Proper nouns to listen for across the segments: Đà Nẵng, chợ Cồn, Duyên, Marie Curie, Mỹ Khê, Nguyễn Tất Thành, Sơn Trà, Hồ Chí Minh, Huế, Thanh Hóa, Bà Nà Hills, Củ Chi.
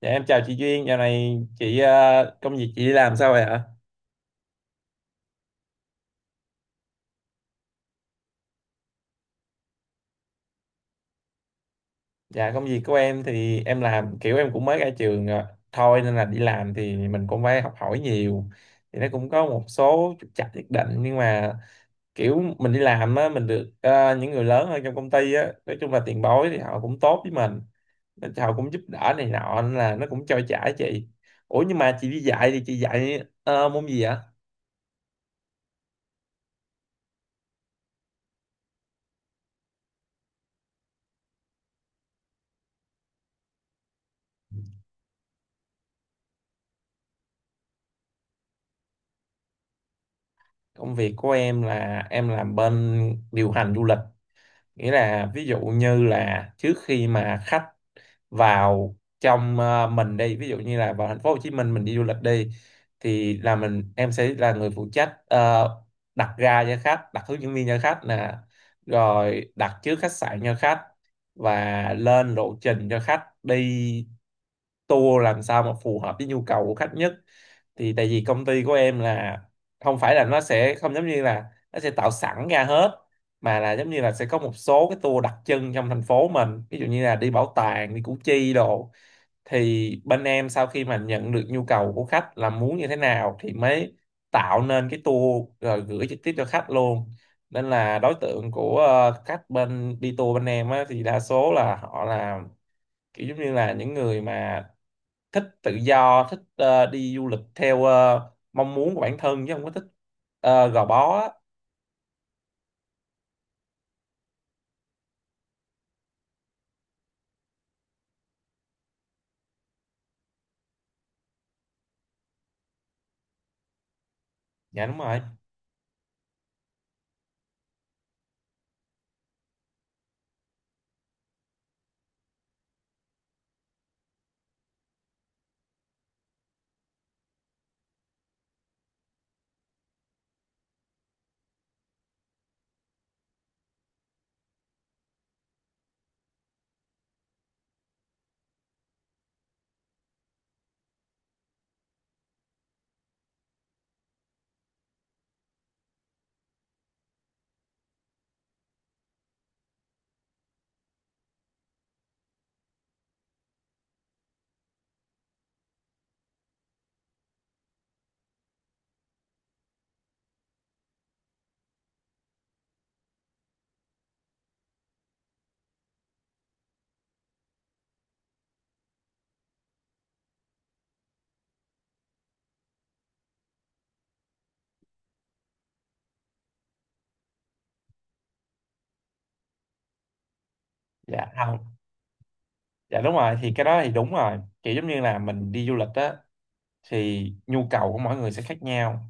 Dạ em chào chị Duyên, dạo này chị công việc chị đi làm sao vậy ạ? Dạ công việc của em thì em làm kiểu em cũng mới ra trường thôi nên là đi làm thì mình cũng phải học hỏi nhiều. Thì nó cũng có một số trục trặc nhất định nhưng mà kiểu mình đi làm á mình được những người lớn hơn trong công ty á, nói chung là tiền bối thì họ cũng tốt với mình, nên họ cũng giúp đỡ này nọ nên là nó cũng trôi chảy chị. Ủa nhưng mà chị đi dạy thì chị dạy môn gì ạ? Công việc của em là em làm bên điều hành du lịch, nghĩa là ví dụ như là trước khi mà khách vào trong mình đi, ví dụ như là vào thành phố Hồ Chí Minh mình đi du lịch đi, thì là em sẽ là người phụ trách đặt ga cho khách, đặt hướng dẫn viên cho khách nè, rồi đặt trước khách sạn cho khách và lên lộ trình cho khách đi tour làm sao mà phù hợp với nhu cầu của khách nhất. Thì tại vì công ty của em là không phải là, nó sẽ không giống như là nó sẽ tạo sẵn ra hết, mà là giống như là sẽ có một số cái tour đặc trưng trong thành phố mình, ví dụ như là đi bảo tàng, đi Củ Chi đồ, thì bên em sau khi mà nhận được nhu cầu của khách là muốn như thế nào thì mới tạo nên cái tour rồi gửi trực tiếp cho khách luôn. Nên là đối tượng của khách bên đi tour bên em á, thì đa số là họ là kiểu giống như là những người mà thích tự do, thích đi du lịch theo mong muốn của bản thân chứ không có thích gò bó á. Dạ đúng rồi. Dạ. Dạ đúng rồi, thì cái đó thì đúng rồi. Kiểu giống như là mình đi du lịch á thì nhu cầu của mỗi người sẽ khác nhau.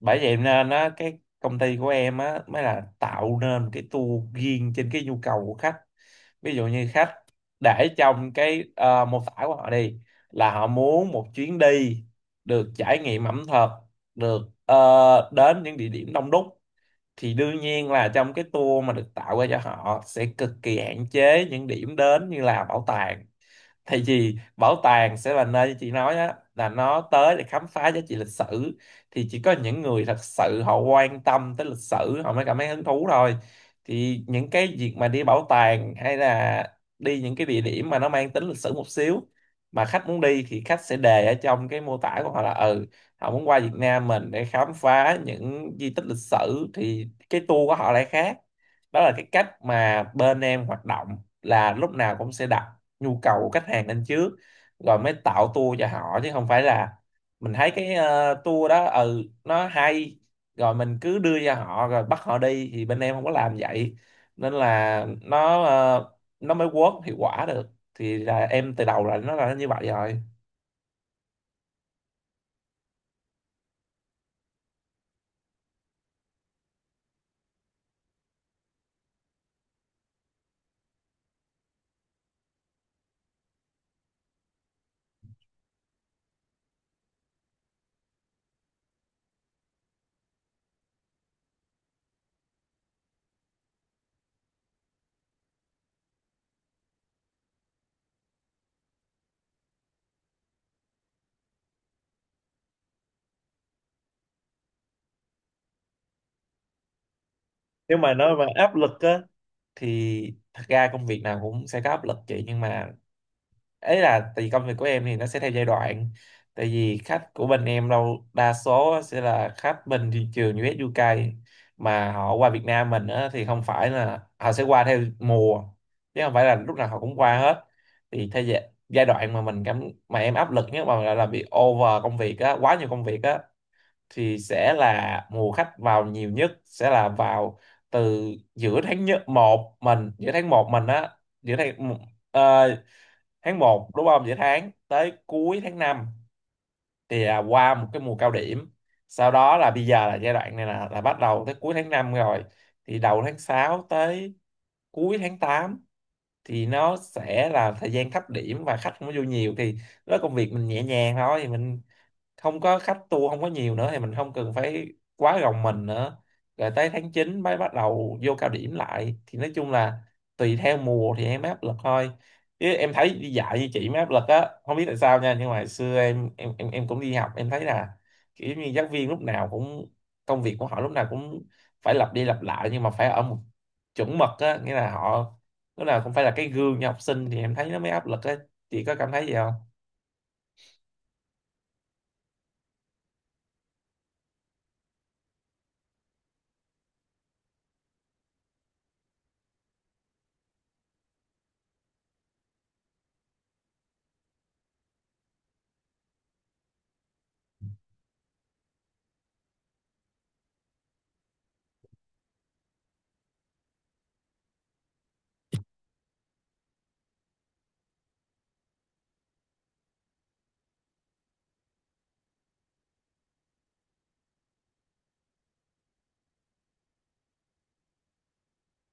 Bởi vậy nên á cái công ty của em á mới là tạo nên một cái tour riêng trên cái nhu cầu của khách. Ví dụ như khách để trong cái mô tả của họ đi là họ muốn một chuyến đi được trải nghiệm ẩm thực, được đến những địa điểm đông đúc, thì đương nhiên là trong cái tour mà được tạo ra cho họ sẽ cực kỳ hạn chế những điểm đến như là bảo tàng, tại vì bảo tàng sẽ là nơi như chị nói á, là nó tới để khám phá giá trị lịch sử thì chỉ có những người thật sự họ quan tâm tới lịch sử họ mới cảm thấy hứng thú thôi. Thì những cái việc mà đi bảo tàng hay là đi những cái địa điểm mà nó mang tính lịch sử một xíu mà khách muốn đi thì khách sẽ đề ở trong cái mô tả của họ là ừ, họ muốn qua Việt Nam mình để khám phá những di tích lịch sử thì cái tour của họ lại khác. Đó là cái cách mà bên em hoạt động, là lúc nào cũng sẽ đặt nhu cầu của khách hàng lên trước rồi mới tạo tour cho họ, chứ không phải là mình thấy cái tour đó ừ nó hay rồi mình cứ đưa cho họ rồi bắt họ đi, thì bên em không có làm vậy. Nên là nó nó mới work hiệu quả được. Thì là em từ đầu là nó là như vậy rồi. Nếu mà nói mà áp lực á thì thật ra công việc nào cũng sẽ có áp lực chị, nhưng mà ấy là tại vì công việc của em thì nó sẽ theo giai đoạn. Tại vì khách của bên em đâu đa số sẽ là khách bên thị trường US UK, mà họ qua Việt Nam mình á, thì không phải là họ sẽ qua theo mùa, chứ không phải là lúc nào họ cũng qua hết. Thì theo giai đoạn mà mình cảm, mà em áp lực nhất mà gọi là bị over công việc á, quá nhiều công việc á, thì sẽ là mùa khách vào nhiều nhất sẽ là vào từ giữa tháng nhất một mình giữa tháng một mình á, giữa tháng uh, tháng một đúng không, giữa tháng tới cuối tháng 5 thì qua một cái mùa cao điểm. Sau đó là bây giờ là giai đoạn này là bắt đầu tới cuối tháng 5 rồi, thì đầu tháng 6 tới cuối tháng 8 thì nó sẽ là thời gian thấp điểm và khách không có vô nhiều, thì đó công việc mình nhẹ nhàng thôi thì mình không có khách, tour không có nhiều nữa thì mình không cần phải quá gồng mình nữa. Rồi tới tháng 9 mới bắt đầu vô cao điểm lại, thì nói chung là tùy theo mùa thì em mới áp lực thôi. Chứ em thấy đi dạy như chị mới áp lực á, không biết tại sao nha, nhưng mà hồi xưa em cũng đi học em thấy là kiểu như giáo viên lúc nào cũng, công việc của họ lúc nào cũng phải lặp đi lặp lại nhưng mà phải ở một chuẩn mực á, nghĩa là họ lúc nào cũng phải là cái gương cho học sinh thì em thấy nó mới áp lực á. Chị có cảm thấy gì không?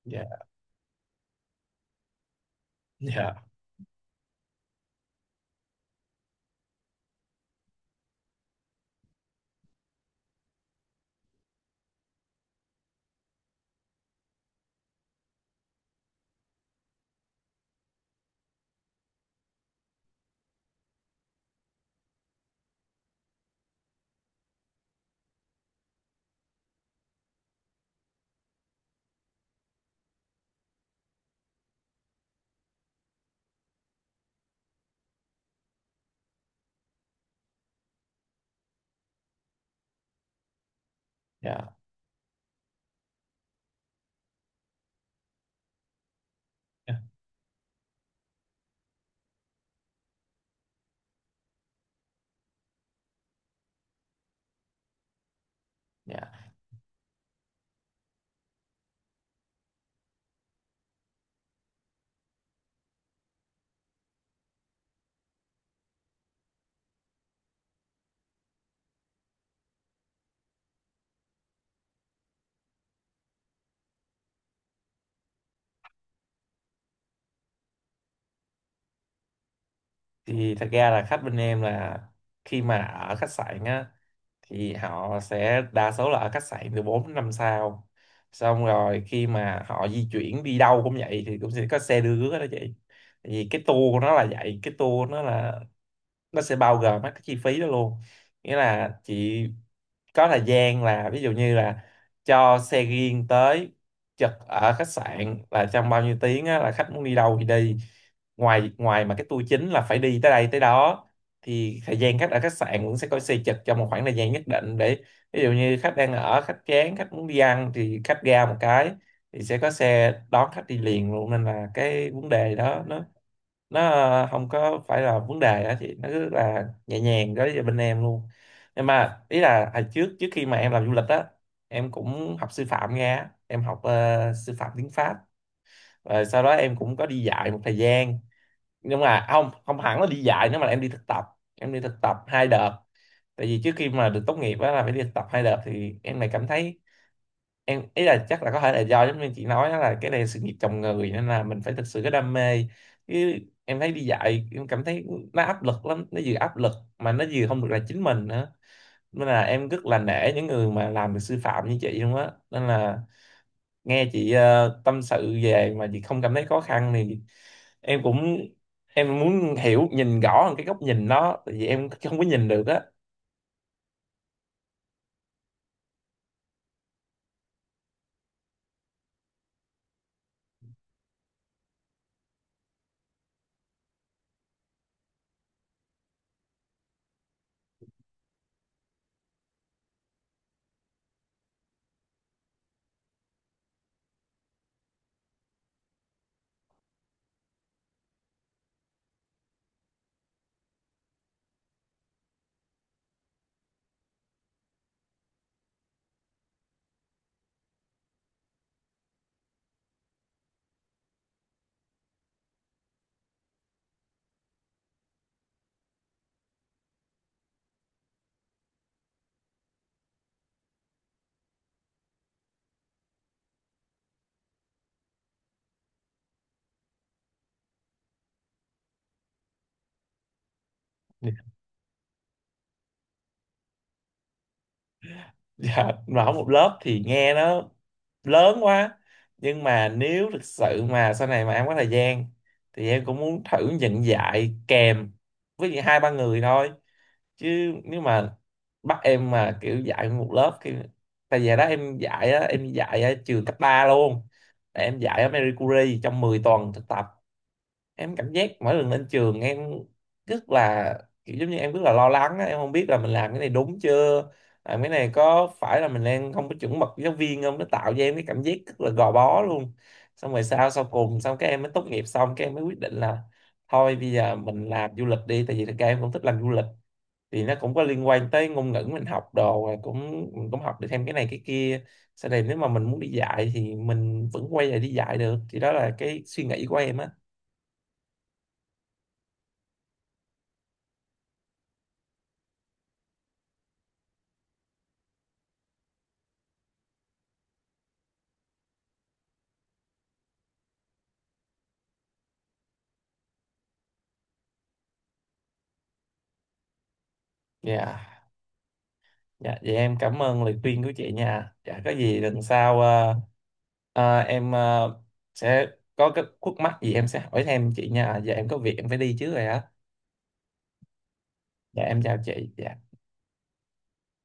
Dạ. Dạ. Dạ. Dạ thì thật ra là khách bên em là khi mà ở khách sạn á thì họ sẽ đa số là ở khách sạn từ 4 đến 5 sao, xong rồi khi mà họ di chuyển đi đâu cũng vậy thì cũng sẽ có xe đưa đó chị. Tại vì cái tour của nó là vậy, cái tour nó là nó sẽ bao gồm hết cái chi phí đó luôn. Nghĩa là chị có thời gian là, ví dụ như là cho xe riêng tới chật ở khách sạn là trong bao nhiêu tiếng á, là khách muốn đi đâu thì đi, ngoài ngoài mà cái tour chính là phải đi tới đây tới đó, thì thời gian khách ở khách sạn cũng sẽ có xây chật trong một khoảng thời gian nhất định để ví dụ như khách đang ở khách chán khách muốn đi ăn thì khách ra một cái thì sẽ có xe đón khách đi liền luôn. Nên là cái vấn đề đó nó không có phải là vấn đề đó chị, nó rất là nhẹ nhàng đối với bên em luôn. Nhưng mà ý là hồi trước trước khi mà em làm du lịch á, em cũng học sư phạm ra, em học sư phạm tiếng Pháp, rồi sau đó em cũng có đi dạy một thời gian, nhưng mà không không hẳn là đi dạy nữa mà là em đi thực tập. Em đi thực tập hai đợt, tại vì trước khi mà được tốt nghiệp á là phải đi thực tập hai đợt, thì em lại cảm thấy em ý là chắc là có thể là do giống như chị nói á, là cái này là sự nghiệp chồng người nên là mình phải thực sự có đam mê, chứ em thấy đi dạy em cảm thấy nó áp lực lắm, nó vừa áp lực mà nó vừa không được là chính mình nữa. Nên là em rất là nể những người mà làm được sư phạm như chị luôn á, nên là nghe chị tâm sự về mà chị không cảm thấy khó khăn thì em cũng, em muốn hiểu nhìn rõ hơn cái góc nhìn nó, tại vì em không có nhìn được á. Dạ mà học một lớp thì nghe nó lớn quá, nhưng mà nếu thực sự mà sau này mà em có thời gian thì em cũng muốn thử nhận dạy kèm với những hai ba người thôi, chứ nếu mà bắt em mà kiểu dạy một lớp thì, tại vì đó em dạy á, em dạy ở trường cấp 3 luôn. Tại em dạy ở Marie Curie trong 10 tuần thực tập, em cảm giác mỗi lần lên trường em rất là, kiểu giống như em rất là lo lắng á, em không biết là mình làm cái này đúng chưa, làm cái này có phải là mình đang không có chuẩn mực với giáo viên không, nó tạo cho em cái cảm giác rất là gò bó luôn. Xong rồi sao sau cùng xong các em mới tốt nghiệp xong các em mới quyết định là thôi bây giờ mình làm du lịch đi, tại vì thực ra em cũng thích làm du lịch, thì nó cũng có liên quan tới ngôn ngữ mình học đồ, rồi cũng mình cũng học được thêm cái này cái kia, sau này nếu mà mình muốn đi dạy thì mình vẫn quay lại đi dạy được, thì đó là cái suy nghĩ của em á. Dạ. Dạ, vậy em cảm ơn lời khuyên của chị nha. Dạ, có gì lần sau ờ, em ờ, sẽ có cái khúc mắc gì em sẽ hỏi thêm chị nha. Giờ em có việc em phải đi trước rồi á. Dạ, em chào chị. Dạ.